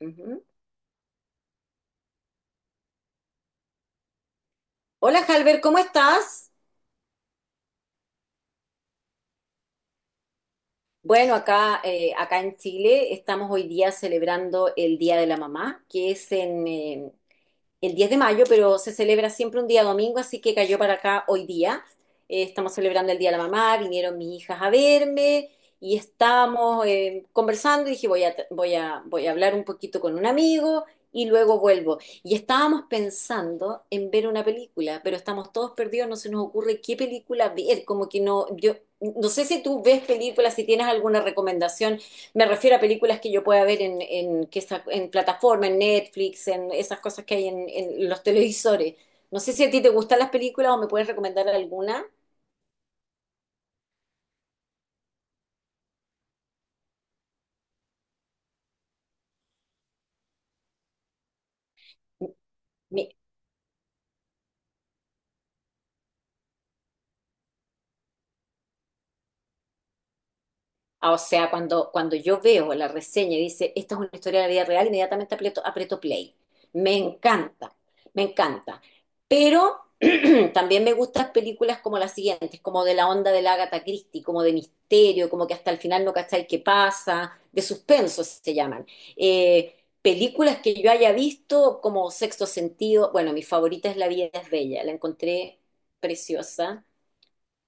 Ujú. Hola, Halber, ¿cómo estás? Bueno, acá en Chile estamos hoy día celebrando el Día de la Mamá, que es en el 10 de mayo, pero se celebra siempre un día domingo, así que cayó para acá hoy día. Estamos celebrando el Día de la Mamá, vinieron mis hijas a verme y estábamos conversando y dije, voy a hablar un poquito con un amigo y luego vuelvo. Y estábamos pensando en ver una película, pero estamos todos perdidos, no se nos ocurre qué película ver, como que no, yo no sé si tú ves películas, si tienes alguna recomendación. Me refiero a películas que yo pueda ver en plataforma, en Netflix, en esas cosas que hay en los televisores. No sé si a ti te gustan las películas o me puedes recomendar alguna. Mi- Ah, o sea, cuando yo veo la reseña y dice, esta es una historia de la vida real, inmediatamente aprieto play. Me encanta, me encanta. Pero también me gustan películas como las siguientes, como de la onda de la Agatha Christie, como de misterio, como que hasta el final no cacháis qué pasa, de suspenso se llaman. Eh, Películas que yo haya visto como Sexto Sentido. Bueno, mi favorita es La vida es bella, la encontré preciosa.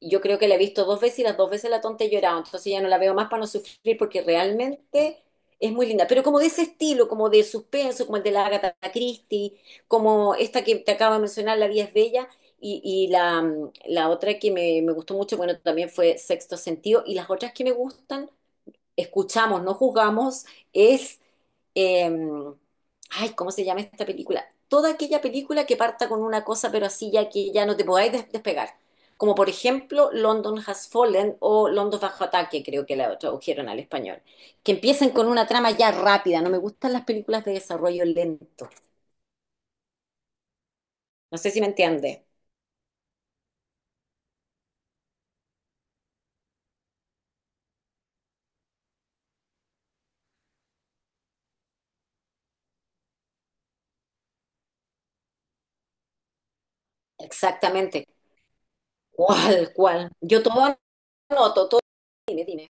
Yo creo que la he visto dos veces y las dos veces la tonta he llorado, entonces ya no la veo más para no sufrir porque realmente es muy linda. Pero como de ese estilo, como de suspenso, como el de la Agatha Christie, como esta que te acabo de mencionar, La vida es bella, y la otra que me gustó mucho, bueno, también fue Sexto Sentido, y las otras que me gustan escuchamos, no juzgamos, es, eh, ay, ¿cómo se llama esta película? Toda aquella película que parta con una cosa, pero así ya que ya no te podáis despegar. Como por ejemplo London Has Fallen o London Bajo Ataque, creo que la tradujeron al español. Que empiecen con una trama ya rápida. No me gustan las películas de desarrollo lento. No sé si me entiende. Exactamente. ¿Cuál, cuál? Yo todo anoto, todo. Dime, dime.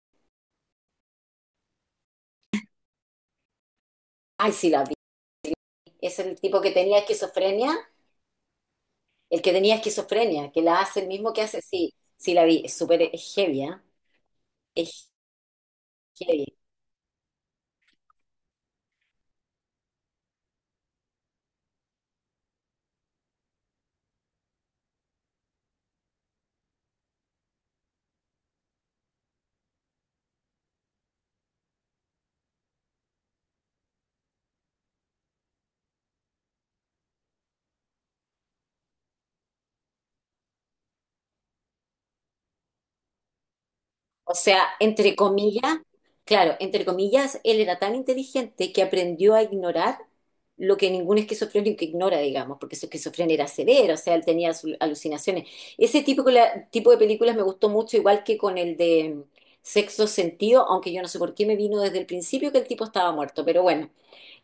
Ay, sí la vi. Es el tipo que tenía esquizofrenia. El que tenía esquizofrenia, que la hace el mismo que hace, sí, sí la vi, es súper, es heavy, ¿ah? Es heavy. O sea, entre comillas, claro, entre comillas, él era tan inteligente que aprendió a ignorar lo que ningún esquizofrénico ignora, digamos, porque su esquizofrenia era severa, o sea, él tenía alucinaciones. Ese tipo, tipo de películas me gustó mucho, igual que con el de Sexto Sentido, aunque yo no sé por qué me vino desde el principio que el tipo estaba muerto, pero bueno.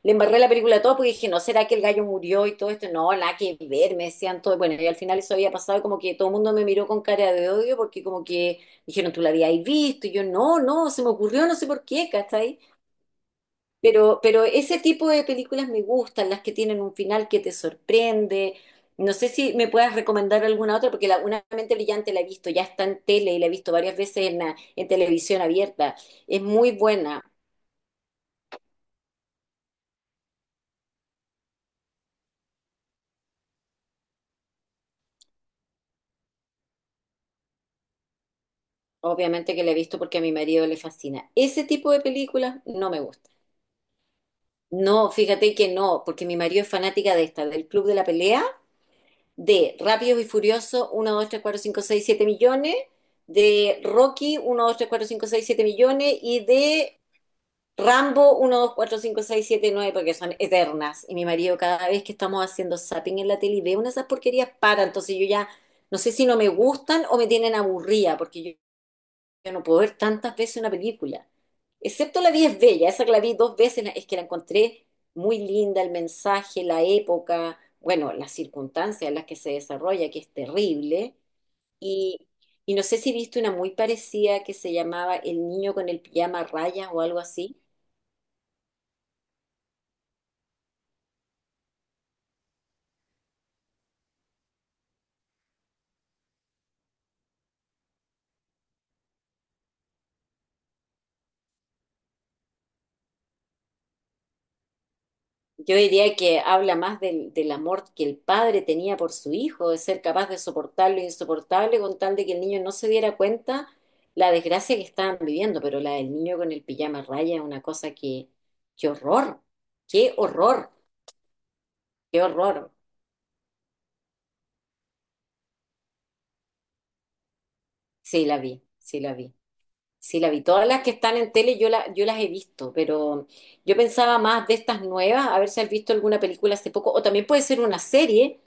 Le embarré la película a todo porque dije, no, ¿será que el gallo murió y todo esto? No, nada que ver, me decían todo. Bueno, y al final eso había pasado y como que todo el mundo me miró con cara de odio porque como que dijeron, tú la habías visto. Y yo, no, no, se me ocurrió, no sé por qué, ¿cachai? Pero ese tipo de películas me gustan, las que tienen un final que te sorprende. No sé si me puedas recomendar alguna otra, porque la Una mente brillante la he visto, ya está en tele y la he visto varias veces en en televisión abierta. Es muy buena. Obviamente que la he visto porque a mi marido le fascina. Ese tipo de películas no me gusta. No, fíjate que no, porque mi marido es fanática de esta, del Club de la Pelea, de Rápidos y Furiosos, uno, 2, 3, 4, 5, 6, 7 millones, de Rocky, uno, 2, 3, 4, 5, 6, 7 millones, y de Rambo, uno, 2, 4, 5, 6, 7, 9 porque son eternas. Y mi marido cada vez que estamos haciendo zapping en la tele y ve una de esas porquerías, para. Entonces yo ya no sé si no me gustan o me tienen aburrida, porque yo no puedo ver tantas veces una película, excepto La vida es bella, esa que la vi dos veces, es que la encontré muy linda, el mensaje, la época, bueno, las circunstancias en las que se desarrolla, que es terrible. Y, y no sé si viste una muy parecida que se llamaba El niño con el pijama a rayas o algo así. Yo diría que habla más del amor que el padre tenía por su hijo, de ser capaz de soportar lo insoportable con tal de que el niño no se diera cuenta la desgracia que estaban viviendo, pero la del niño con el pijama raya es una cosa que, qué horror, qué horror, qué horror. Sí la vi, sí la vi, sí la vi. Todas las que están en tele yo, la, yo las he visto, pero yo pensaba más de estas nuevas, a ver si has visto alguna película hace poco, o también puede ser una serie.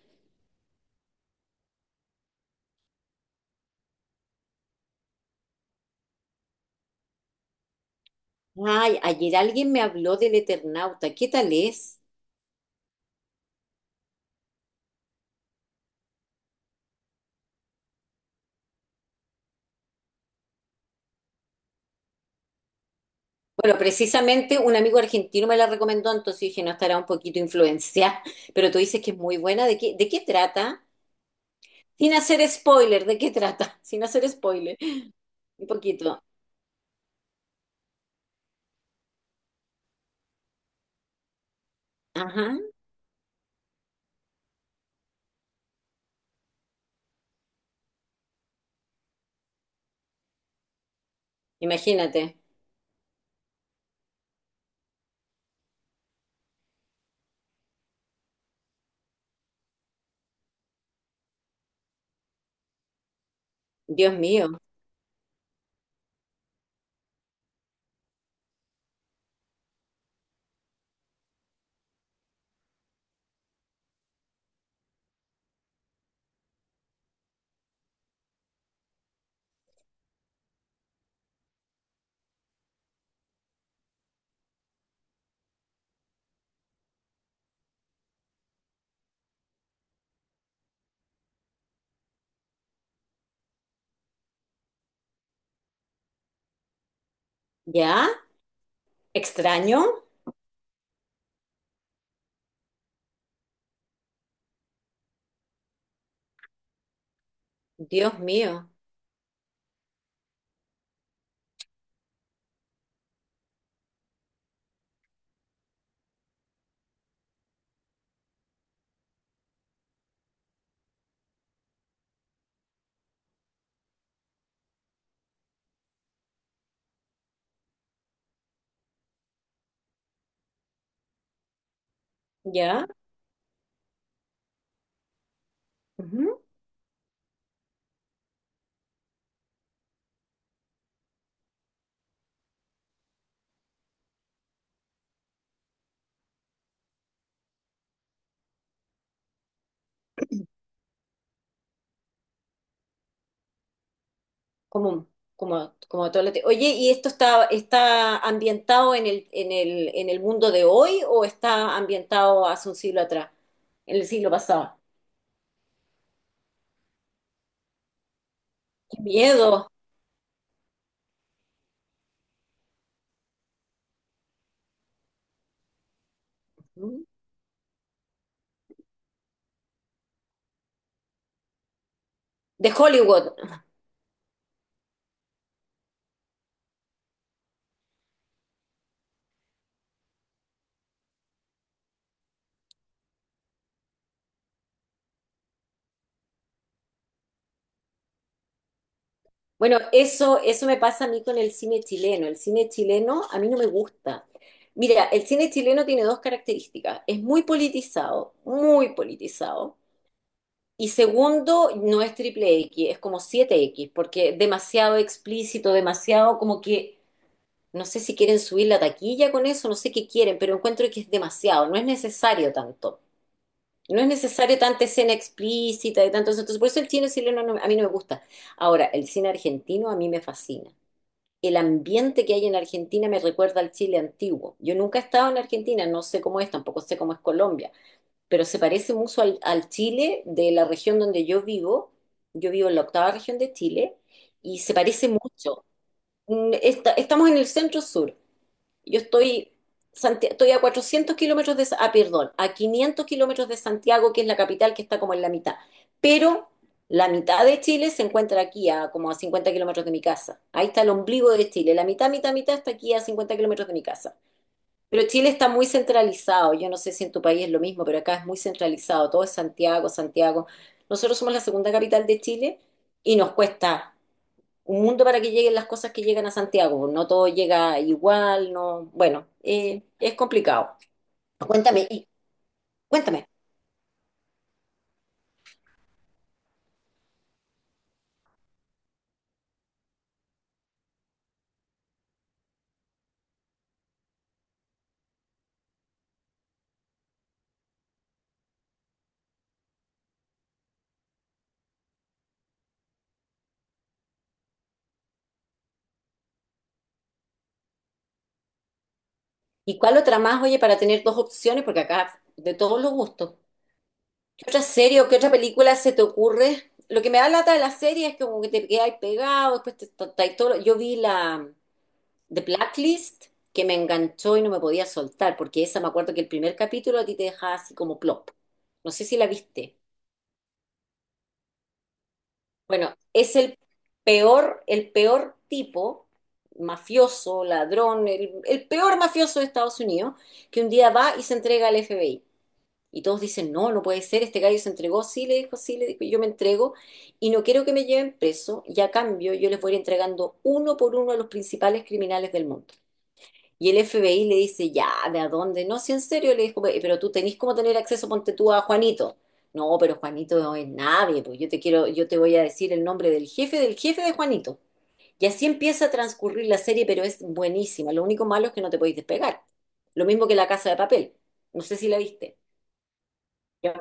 Ay, ayer alguien me habló del Eternauta. ¿Qué tal es? Bueno, precisamente un amigo argentino me la recomendó, entonces dije, no estará un poquito influenciada, pero tú dices que es muy buena. De qué trata? Sin hacer spoiler, ¿de qué trata? Sin hacer spoiler. Un poquito. Ajá. Imagínate. Dios mío. ¿Ya? ¿Extraño? Dios mío. ¿Ya? Ujú. Común, como, como todo lo Oye, ¿y esto está, está ambientado en el mundo de hoy o está ambientado hace un siglo atrás, en el siglo pasado? ¡Qué miedo! De Hollywood. Bueno, eso me pasa a mí con el cine chileno. El cine chileno a mí no me gusta. Mira, el cine chileno tiene dos características. Es muy politizado, muy politizado. Y segundo, no es triple X, es como siete x porque demasiado explícito, demasiado como que no sé si quieren subir la taquilla con eso, no sé qué quieren, pero encuentro que es demasiado, no es necesario tanto. No es necesario tanta escena explícita y tanto eso. Entonces, por eso el cine chileno a mí no me gusta. Ahora, el cine argentino a mí me fascina. El ambiente que hay en Argentina me recuerda al Chile antiguo. Yo nunca he estado en Argentina, no sé cómo es, tampoco sé cómo es Colombia, pero se parece mucho al, al Chile de la región donde yo vivo. Yo vivo en la octava región de Chile y se parece mucho. Mm, estamos en el centro sur. Yo estoy, estoy a 400 km de, ah, perdón, a 500 km de Santiago, que es la capital, que está como en la mitad. Pero la mitad de Chile se encuentra aquí, a como a 50 km de mi casa. Ahí está el ombligo de Chile. La mitad, mitad, mitad está aquí a 50 km de mi casa. Pero Chile está muy centralizado. Yo no sé si en tu país es lo mismo, pero acá es muy centralizado. Todo es Santiago, Santiago. Nosotros somos la segunda capital de Chile y nos cuesta un mundo para que lleguen las cosas que llegan a Santiago. No todo llega igual, no. Bueno, es complicado. Cuéntame, y, cuéntame. ¿Y cuál otra más, oye, para tener dos opciones? Porque acá de todos los gustos. ¿Qué otra serie o qué otra película se te ocurre? Lo que me da lata de la serie es que como que te quedas pegado, después te, todo. Yo vi la The Blacklist que me enganchó y no me podía soltar, porque esa me acuerdo que el primer capítulo a ti te dejaba así como plop. No sé si la viste. Bueno, es el peor tipo, mafioso, ladrón, el peor mafioso de Estados Unidos, que un día va y se entrega al FBI. Y todos dicen, no, no puede ser, este gallo se entregó, sí le dijo, yo me entrego y no quiero que me lleven preso y a cambio yo les voy a ir entregando uno por uno a los principales criminales del mundo. Y el FBI le dice, ya, ¿de a dónde? No, si en serio, le dijo, "pe- pero tú tenés cómo tener acceso, ponte tú a Juanito. No, pero Juanito no es nadie, pues yo te quiero, yo te voy a decir el nombre del jefe de Juanito." Y así empieza a transcurrir la serie, pero es buenísima. Lo único malo es que no te podéis despegar. Lo mismo que La Casa de Papel. No sé si la viste. Ya.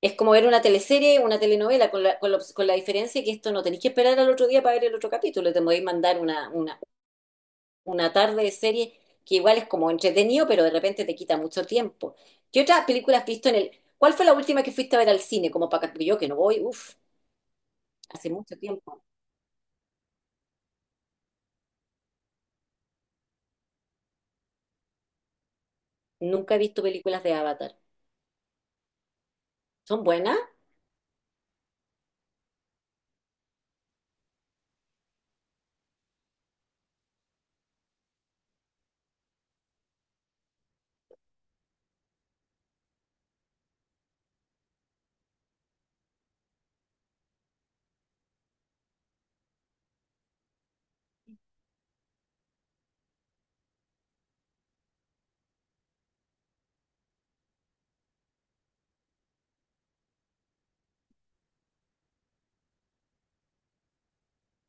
Es como ver una teleserie, una telenovela, con la diferencia que esto no tenéis que esperar al otro día para ver el otro capítulo. Te podéis mandar una tarde de serie que igual es como entretenido, pero de repente te quita mucho tiempo. ¿Qué otras películas has visto en el... ¿Cuál fue la última que fuiste a ver al cine? Como para... porque yo que no voy, uff, hace mucho tiempo. Nunca he visto películas de Avatar. ¿Son buenas?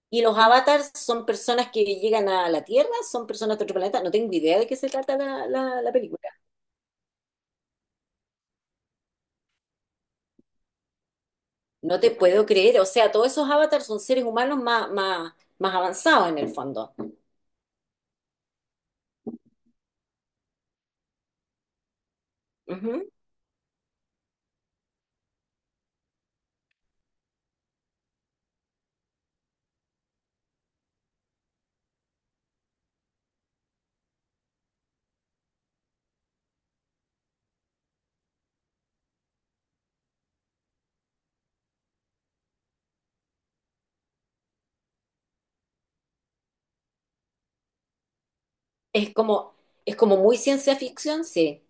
¿Y los avatars son personas que llegan a la Tierra? ¿Son personas de otro planeta? No tengo idea de qué se trata la película. No te puedo creer. O sea, todos esos avatars son seres humanos más avanzados en el fondo. Ujú. Es como, es como muy ciencia ficción, sí.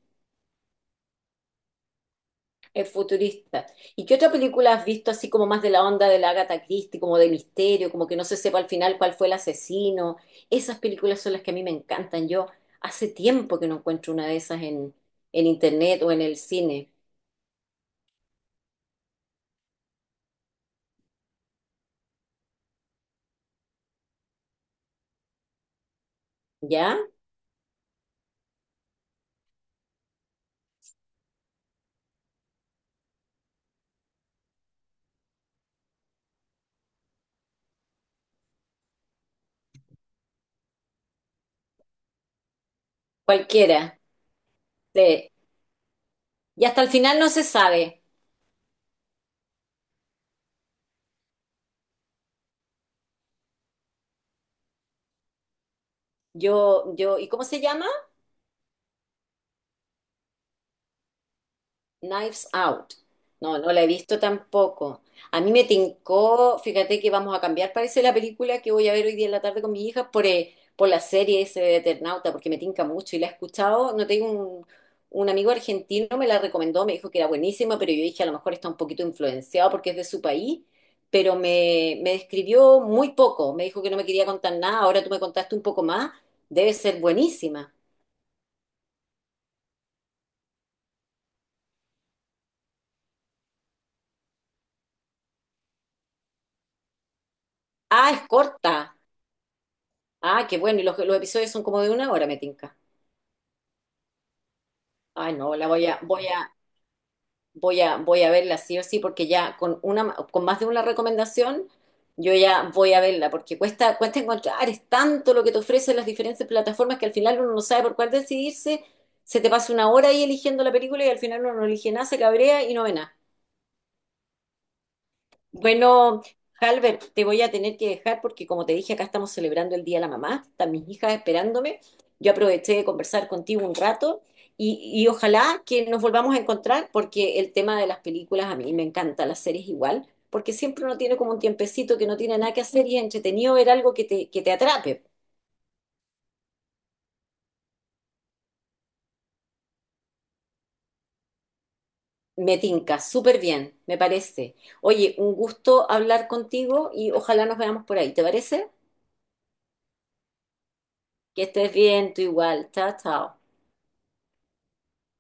Es futurista. ¿Y qué otra película has visto así como más de la onda de la Agatha Christie, como de misterio, como que no se sepa al final cuál fue el asesino? Esas películas son las que a mí me encantan. Yo hace tiempo que no encuentro una de esas en internet o en el cine. ¿Ya? Cualquiera. Sí. Y hasta el final no se sabe. ¿Y cómo se llama? Knives Out. No, no la he visto tampoco. A mí me tincó, fíjate que vamos a cambiar, parece la película que voy a ver hoy día en la tarde con mi hija por la serie ese de Eternauta, porque me tinca mucho y la he escuchado. No tengo un amigo argentino, me la recomendó, me dijo que era buenísima, pero yo dije a lo mejor está un poquito influenciado porque es de su país, pero me describió muy poco. Me dijo que no me quería contar nada, ahora tú me contaste un poco más, debe ser buenísima. Ah, es corta. Ah, qué bueno, y los episodios son como de una hora, me tinca. Ay, no, la voy a, voy a, voy a, voy a verla sí o sí, porque ya con una, con más de una recomendación, yo ya voy a verla, porque cuesta, cuesta encontrar, es tanto lo que te ofrecen las diferentes plataformas que al final uno no sabe por cuál decidirse, se te pasa una hora ahí eligiendo la película y al final uno no elige nada, se cabrea y no ve nada. Bueno, Halbert, te voy a tener que dejar porque como te dije, acá estamos celebrando el Día de la Mamá, están mis hijas esperándome. Yo aproveché de conversar contigo un rato y ojalá que nos volvamos a encontrar porque el tema de las películas a mí me encanta, las series igual, porque siempre uno tiene como un tiempecito que no tiene nada que hacer y es entretenido ver algo que te atrape. Me tinca, súper bien, me parece. Oye, un gusto hablar contigo y ojalá nos veamos por ahí, ¿te parece? Que estés bien, tú igual. Chao, chao.